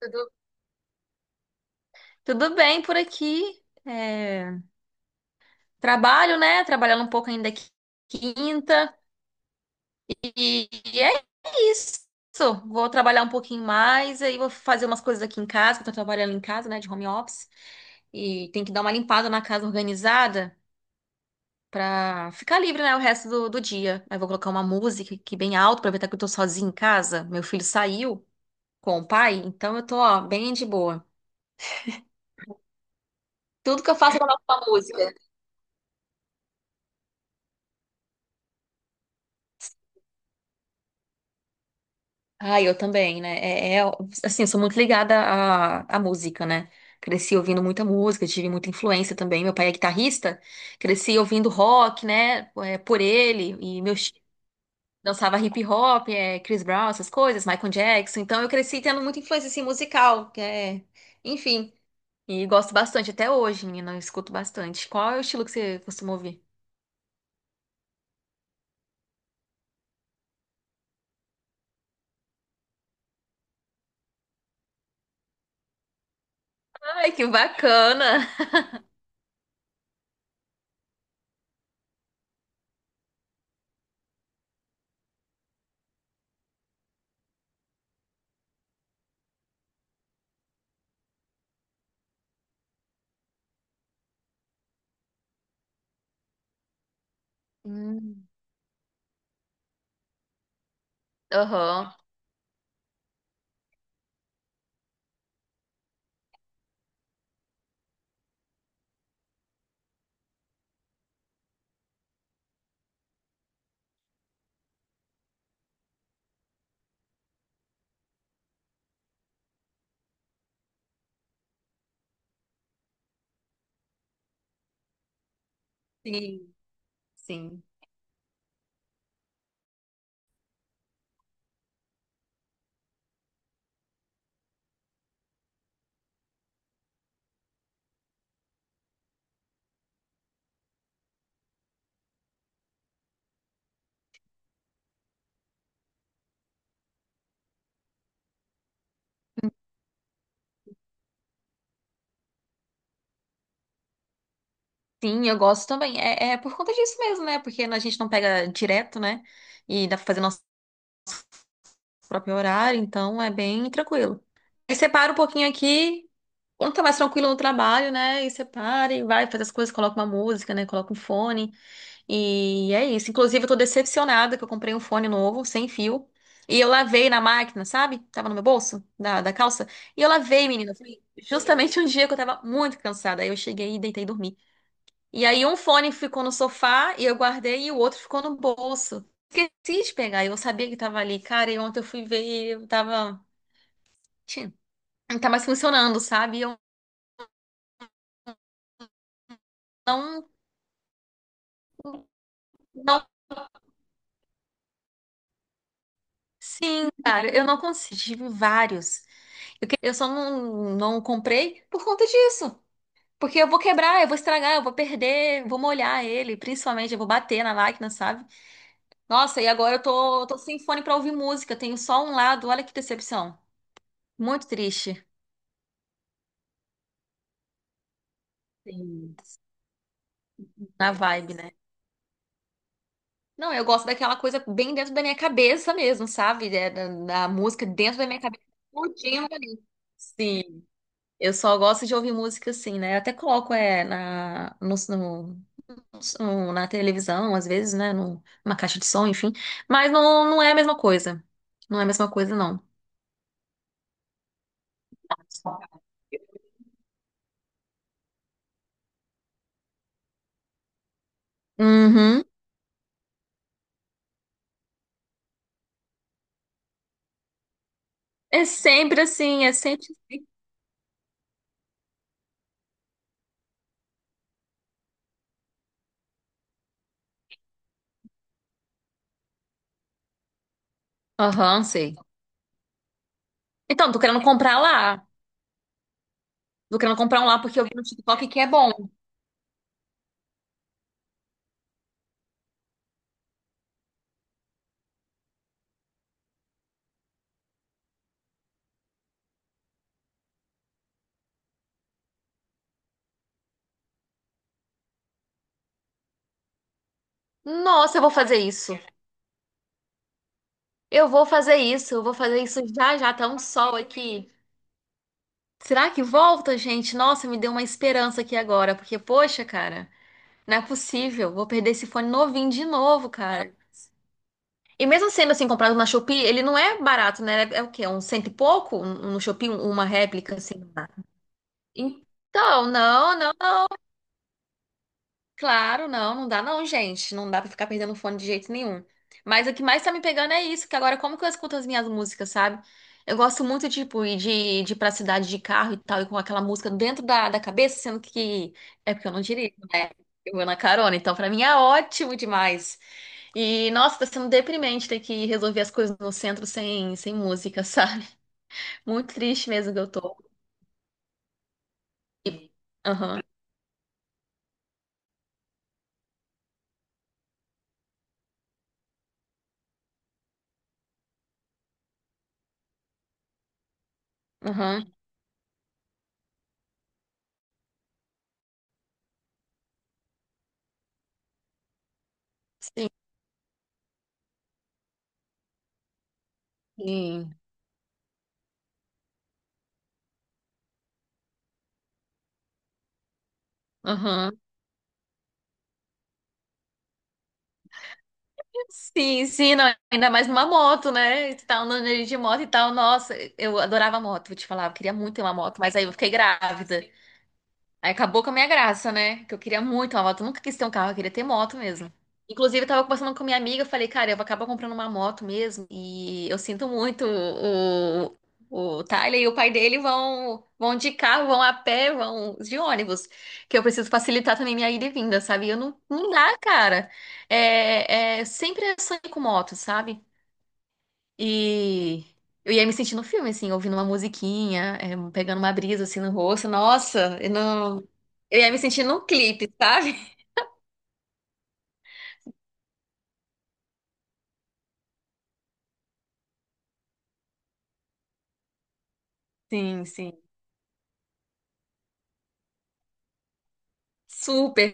Tudo, tudo bem por aqui. Trabalho, né? Trabalhando um pouco ainda quinta. E é isso. Vou trabalhar um pouquinho mais, aí vou fazer umas coisas aqui em casa, que eu tô trabalhando em casa, né? De home office. E tem que dar uma limpada na casa organizada pra ficar livre, né? O resto do dia. Aí vou colocar uma música aqui bem alto, aproveitar que eu tô sozinha em casa. Meu filho saiu com o pai, então eu tô, ó, bem de boa. Tudo que eu faço é colocar uma música. Ah, eu também, né? Assim, eu sou muito ligada à música, né? Cresci ouvindo muita música, tive muita influência também. Meu pai é guitarrista, cresci ouvindo rock, né? É, por ele, e meu tio dançava hip hop, é, Chris Brown, essas coisas, Michael Jackson. Então eu cresci tendo muita influência assim, musical, que é, enfim. E gosto bastante até hoje, menina, eu escuto bastante. Qual é o estilo que você costuma ouvir? Ai, que bacana! Hum. Aham. Sim, sim. Sim, eu gosto também. É, é por conta disso mesmo, né? Porque a gente não pega direto, né? E dá pra fazer nosso próprio horário, então é bem tranquilo. Aí separa um pouquinho aqui, quando tá mais tranquilo no trabalho, né? E separa e vai faz as coisas, coloca uma música, né? Coloca um fone. E é isso. Inclusive, eu tô decepcionada que eu comprei um fone novo, sem fio. E eu lavei na máquina, sabe? Tava no meu bolso, da calça. E eu lavei, menina. Foi justamente um dia que eu tava muito cansada. Aí eu cheguei e deitei e dormi. E aí um fone ficou no sofá e eu guardei e o outro ficou no bolso. Esqueci de pegar, eu sabia que tava ali. Cara, e ontem eu fui ver e eu tava. Tchim, não tá mais funcionando, sabe? E Eu não, não. Sim, cara, eu não consegui. Tive vários. Eu, eu só não, não comprei por conta disso. Porque eu vou quebrar, eu vou estragar, eu vou perder, vou molhar ele, principalmente, eu vou bater na máquina, sabe? Nossa, e agora eu tô sem fone pra ouvir música, eu tenho só um lado, olha que decepção. Muito triste. Sim. Na vibe, né? Não, eu gosto daquela coisa bem dentro da minha cabeça mesmo, sabe? Da música dentro da minha cabeça, explodindo ali. Sim, eu só gosto de ouvir música assim, né? Eu até coloco na televisão, às vezes, né? Numa caixa de som, enfim. Mas não, não é a mesma coisa. Não é a mesma coisa, não. Uhum. É sempre assim, é sempre assim. Aham, sei. Então, tô querendo comprar lá. Tô querendo comprar um lá porque eu vi no TikTok que é bom. Nossa, eu vou fazer isso. Eu vou fazer isso, eu vou fazer isso já já, tá um sol aqui. Será que volta, gente? Nossa, me deu uma esperança aqui agora, porque, poxa, cara, não é possível. Vou perder esse fone novinho de novo, cara. E mesmo sendo assim, comprado na Shopee, ele não é barato, né? É o quê? Um cento e pouco? No Shopee, uma réplica, assim. Então, não, não. Claro, não, não dá não, gente. Não dá pra ficar perdendo fone de jeito nenhum. Mas o que mais tá me pegando é isso, que agora como que eu escuto as minhas músicas, sabe? Eu gosto muito, tipo, ir de ir pra cidade de carro e tal, e com aquela música dentro da cabeça, sendo que é porque eu não dirijo, né? Eu vou na carona, então pra mim é ótimo demais. E, nossa, tá sendo deprimente ter que resolver as coisas no centro sem, sem música, sabe? Muito triste mesmo que eu tô. E- Aham, aham, sim, sim, aham. Sim, sim, não, ainda mais numa moto, né? E Tu tá andando de moto e tal. Nossa, eu adorava moto, vou te falar. Eu queria muito ter uma moto, mas aí eu fiquei grávida. Aí acabou com a minha graça, né? Que eu queria muito uma moto. Eu nunca quis ter um carro, eu queria ter moto mesmo. Inclusive, eu tava conversando com minha amiga, eu falei, cara, eu vou acabar comprando uma moto mesmo. E eu sinto muito o Tyler e o pai dele vão de carro, vão a pé, vão de ônibus. Que eu preciso facilitar também minha ida e vinda, sabe? E Eu não, não dá, cara. Sempre é sonho com moto, sabe? E eu ia me sentindo no filme, assim, ouvindo uma musiquinha, é, pegando uma brisa assim no rosto. Nossa, eu não. Eu ia me sentir num clipe, sabe? Sim, sim. Super,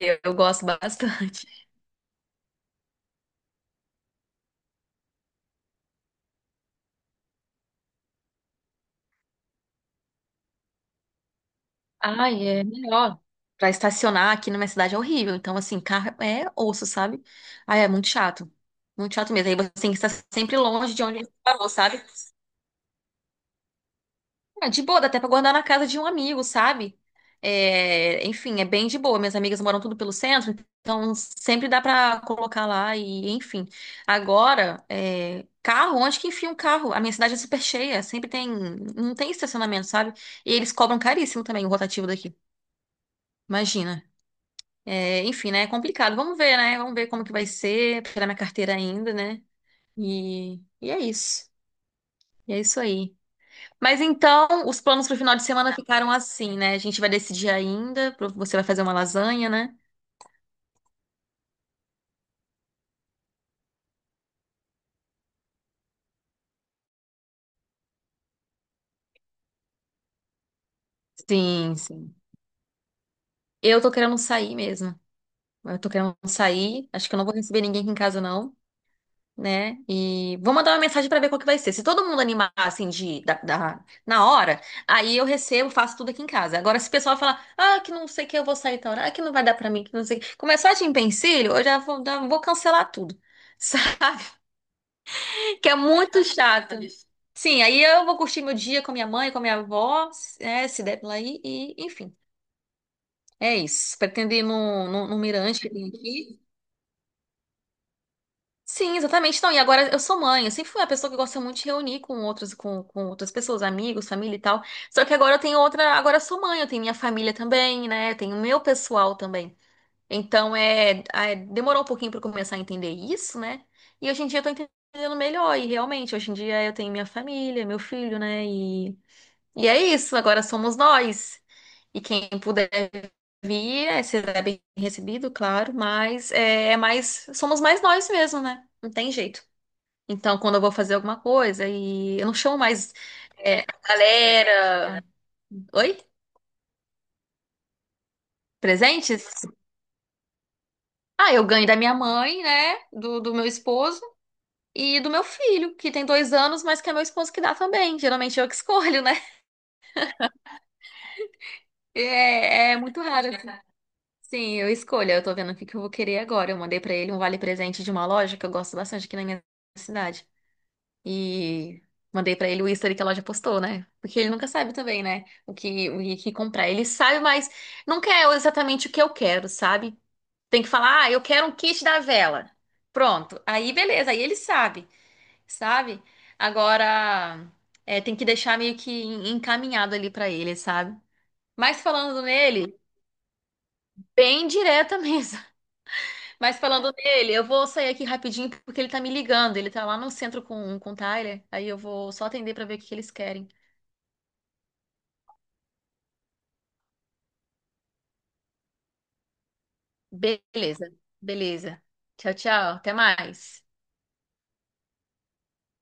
eu gosto bastante. Ai, é melhor. Pra estacionar aqui na minha cidade é horrível. Então, assim, carro é osso, sabe? Ai, é muito chato. Muito chato mesmo. Aí você tem que estar sempre longe de onde você parou, sabe? Ah, de boa, dá até pra guardar na casa de um amigo, sabe? É, enfim, é bem de boa. Minhas amigas moram tudo pelo centro, então sempre dá pra colocar lá e, enfim. Agora, é, carro, onde que enfia um carro? A minha cidade é super cheia, sempre tem, não tem estacionamento, sabe? E eles cobram caríssimo também o rotativo daqui. Imagina. É, enfim, né? É complicado. Vamos ver, né? Vamos ver como que vai ser, tirar minha carteira ainda, né? E, e é isso. E é isso aí. Mas então, os planos para o final de semana ficaram assim, né? A gente vai decidir ainda. Você vai fazer uma lasanha, né? Sim, sim. Eu tô querendo sair mesmo. Eu tô querendo sair. Acho que eu não vou receber ninguém aqui em casa, não, né? E vou mandar uma mensagem para ver qual que vai ser. Se todo mundo animar, assim, na hora, aí eu recebo, faço tudo aqui em casa. Agora, se o pessoal falar, ah, que não sei o que eu vou sair tal hora, ah, que não vai dar para mim, que não sei o que, começar de empecilho, eu já vou cancelar tudo, sabe? Que é muito chato. Sim, aí eu vou curtir meu dia com a minha mãe, com a minha avó, é, se der pela aí, e enfim. É isso. Pretendo ir num mirante que tem aqui. Sim, exatamente. Então, e agora eu sou mãe. Eu sempre fui uma pessoa que gosta muito de reunir com outros, com outras pessoas, amigos, família e tal. Só que agora eu tenho outra. Agora eu sou mãe, eu tenho minha família também, né? Eu tenho meu pessoal também. Então, demorou um pouquinho para começar a entender isso, né? E hoje em dia eu tô entendendo melhor. E realmente, hoje em dia eu tenho minha família, meu filho, né? E é isso, agora somos nós. E quem puder vir, é, será bem recebido, claro, mas é, é mais, somos mais nós mesmo, né? Não tem jeito. Então, quando eu vou fazer alguma coisa e eu não chamo mais é, a galera. Oi? Presentes? Ah, eu ganho da minha mãe, né? Do meu esposo. E do meu filho, que tem dois anos, mas que é meu esposo que dá também. Geralmente eu que escolho, né? É, é muito raro, assim. Sim, eu escolho. Eu tô vendo o que que eu vou querer agora. Eu mandei pra ele um vale-presente de uma loja que eu gosto bastante aqui na minha cidade. E mandei pra ele o history que a loja postou, né? Porque ele nunca sabe também, né? O que comprar. Ele sabe, mas não quer exatamente o que eu quero, sabe? Tem que falar, ah, eu quero um kit da vela. Pronto. Aí, beleza. Aí ele sabe. Sabe? Agora, é, tem que deixar meio que encaminhado ali pra ele, sabe? Mas falando nele, bem direta mesmo. Mas falando nele, eu vou sair aqui rapidinho porque ele tá me ligando. Ele tá lá no centro com o Tyler. Aí eu vou só atender pra ver o que que eles querem. Beleza, beleza. Tchau, tchau. Até mais.